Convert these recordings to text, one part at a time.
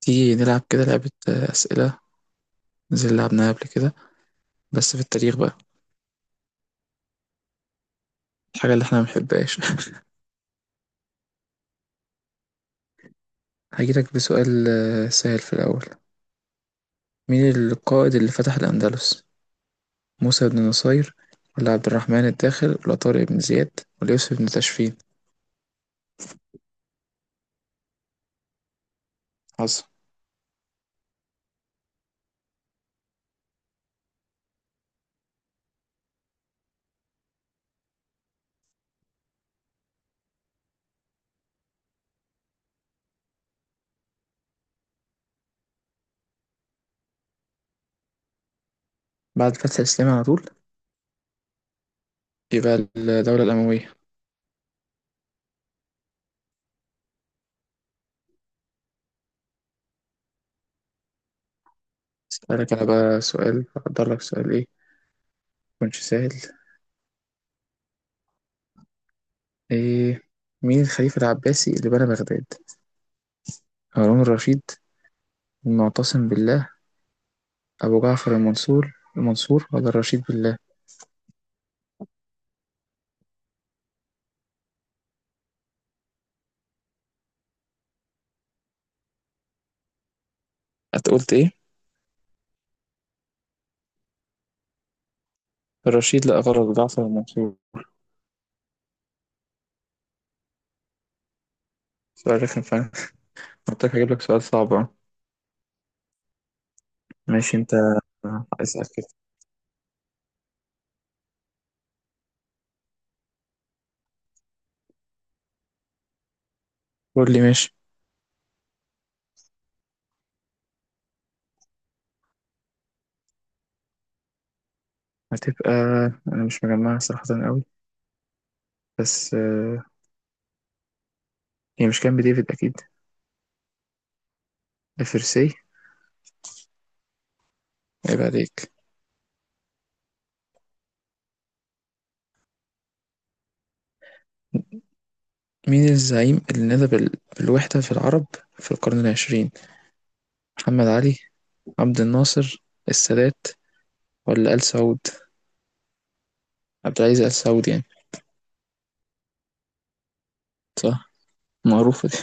تيجي نلعب كده لعبة أسئلة زي اللي لعبناها قبل كده، بس في التاريخ بقى، الحاجة اللي احنا ما بنحبهاش. هجيلك بسؤال سهل في الأول. مين القائد اللي فتح الأندلس؟ موسى بن نصير ولا عبد الرحمن الداخل ولا طارق بن زياد ولا يوسف بن تاشفين؟ حصل. بعد فتح الإسلام على طول يبقى الدولة الأموية. أسألك أنا بقى سؤال، أقدر لك سؤال إيه؟ مكنش سهل. إيه، مين الخليفة العباسي اللي بنى بغداد؟ هارون الرشيد، المعتصم بالله، أبو جعفر المنصور ولا الرشيد بالله؟ أنت قلت إيه؟ الرشيد؟ لا غلط، جعفر المنصور. سؤال رخم فعلا. قلت لك هجيب لك سؤال صعب أهو. ماشي أنت، اسأل كده. قول لي ماشي. هتبقى، أنا مش مجمعها صراحة أوي، بس هي مش كان بديفيد أكيد، لفرسي. عيب عليك. مين الزعيم اللي نادى بالوحدة في العرب في القرن العشرين؟ محمد علي، عبد الناصر، السادات، ولا آل سعود؟ عبد العزيز آل سعود يعني. صح، معروفة دي.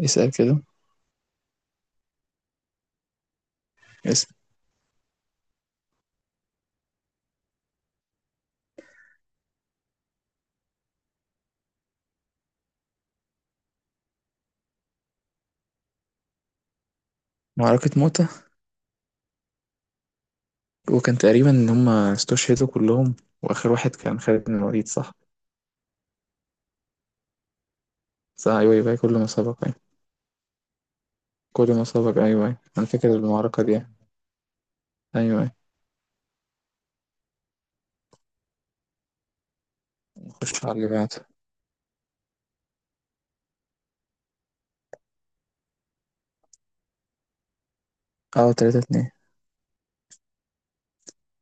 اسأل كده. اسم. معركة موتة، وكان تقريبا إن هما استشهدوا كلهم، وآخر واحد كان خالد بن الوليد، صح؟ صح، أيوه أيوه، كل ما سبق، أيوه. كل ما سبق، أيوه أيوه، أنا فاكر المعركة دي، أيوه أيوه. نخش على اللي بعده. أه، تلاتة اتنين.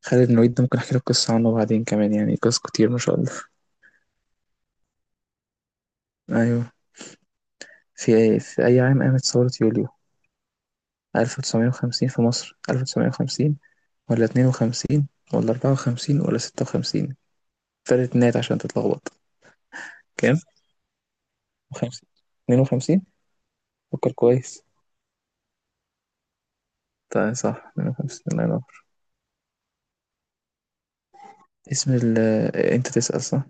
خالد بن الوليد ده ممكن أحكي لك قصة عنه بعدين كمان، يعني قصص كتير ما شاء الله. أيوه. في أي عام قامت ثورة يوليو؟ 1950 في مصر، 1950 ولا 52 ولا 54 ولا 56؟ تلات نات عشان تتلخبط. كام؟ 50، 52. فكر كويس. طيب صح 150، الله ينور. اسم ال انت تسأل صح؟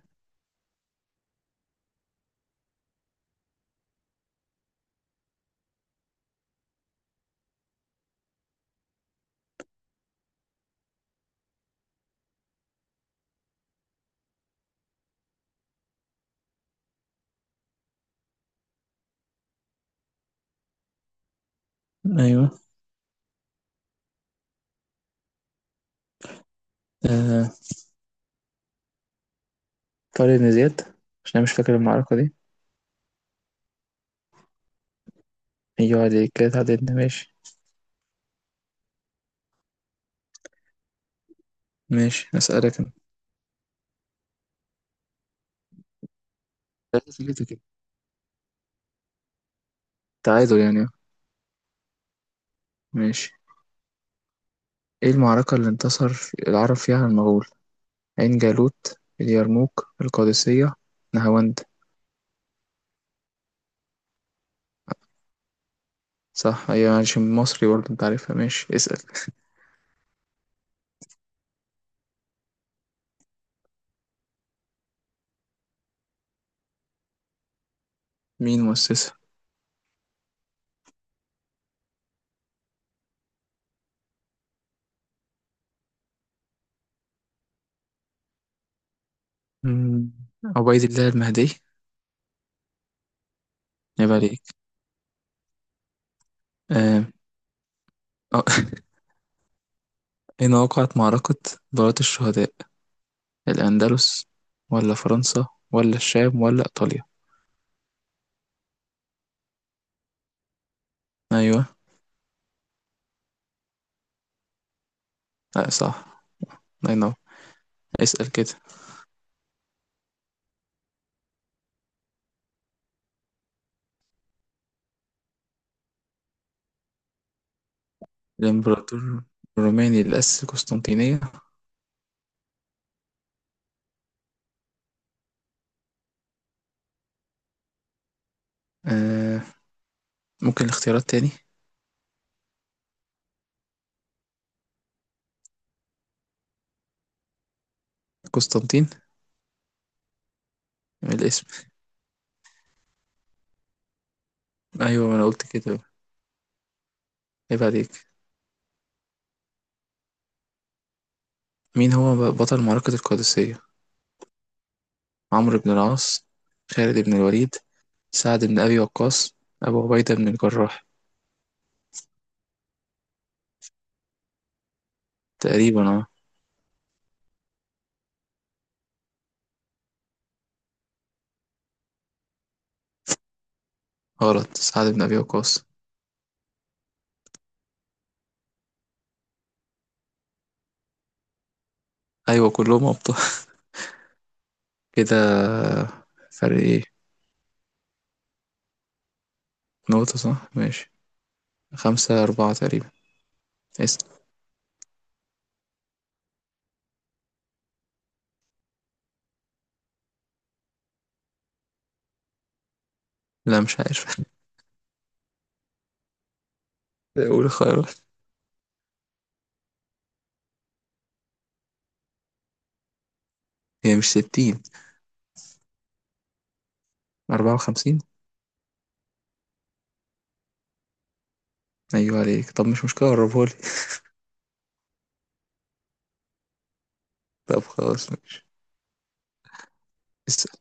ايوه. آه. طارق بن زياد، عشان انا مش فاكر المعركة دي. ايوه عليك كده، تعادلنا ماشي. ماشي، اسألك انا. ثلاثة ثلاثة كده، تعادل يعني. ماشي. ايه المعركة اللي انتصر العرب فيها على المغول؟ عين جالوت، اليرموك، القادسية، نهاوند؟ صح، ايوه، عشان مصري برضه انت عارفها. ماشي، اسأل. مين مؤسسها؟ مم، عبيد الله المهدي. عيب عليك. آه. أه. أين وقعت معركة دارة الشهداء؟ الأندلس ولا فرنسا ولا الشام ولا إيطاليا؟ أيوة، لا صح، الله ينور. اسأل كده. الإمبراطور الروماني اللي أسس قسطنطينية؟ آه ممكن الاختيارات تاني؟ قسطنطين، من الاسم. أيوة، ما أنا قلت كده. عيب عليك. مين هو بطل معركة القادسية؟ عمرو بن العاص، خالد بن الوليد، سعد بن أبي وقاص، أبو عبيدة بن الجراح؟ تقريبا، اه. غلط، سعد بن أبي وقاص. أيوة كلهم أبطال. كده فرق إيه؟ نقطة صح ماشي. خمسة أربعة تقريبا. اسم لا مش عارف. قول الخيارات. هي مش ستين، أربعة وخمسين. أيوة عليك، طب مش مشكلة قربهولي. طب خلاص ماشي، اسأل.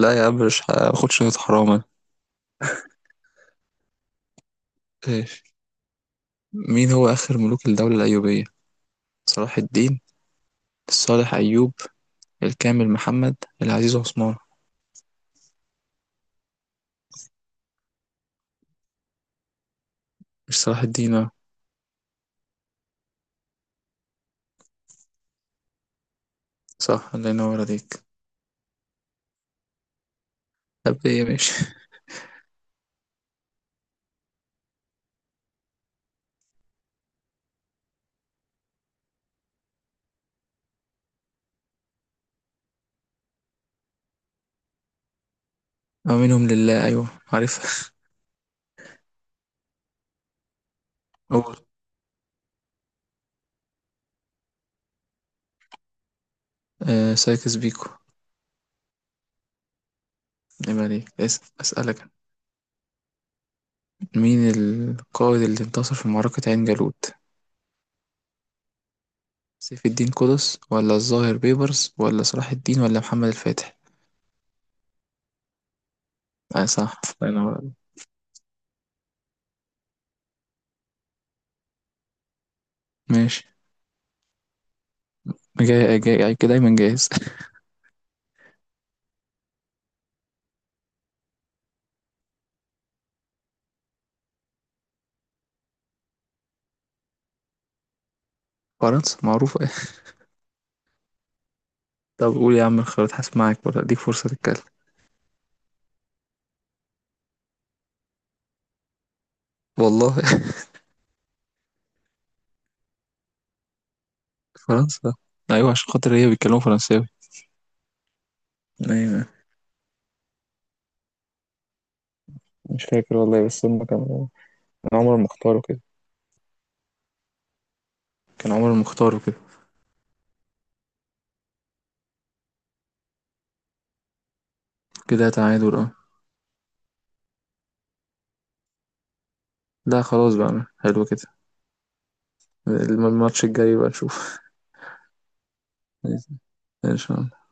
لا يا عم مش هاخدش نقطة، حرام أنا. ماشي. مين هو آخر ملوك الدولة الأيوبية؟ صلاح الدين، الصالح أيوب، الكامل محمد، العزيز عثمان؟ مش صلاح الدين آه. صح، الله ينور عليك. طب ايه ماشي. أو منهم لله، أيوة عارفها. قول. سايكس بيكو. عيب عليك، أسألك. مين القائد اللي انتصر في معركة عين جالوت؟ سيف الدين قطز، ولا الظاهر بيبرس، ولا صلاح الدين، ولا محمد الفاتح؟ اه صح، الله ينور عليك. ماشي. جاي جاي جاي كده دايما جاهز. فرنسا معروفة. طب قول يا عم الخيارات، هسمعك ولا اديك فرصة تتكلم؟ والله. فرنسا. ايوه عشان خاطر هي بيتكلموا فرنساوي. ايوه مش فاكر والله، بس هم كانوا. كان عمر المختار وكده كان عمر المختار وكده. كده تعادل، اه. لا خلاص بقى، حلو كده. الماتش الجاي بقى نشوف. ان شاء الله.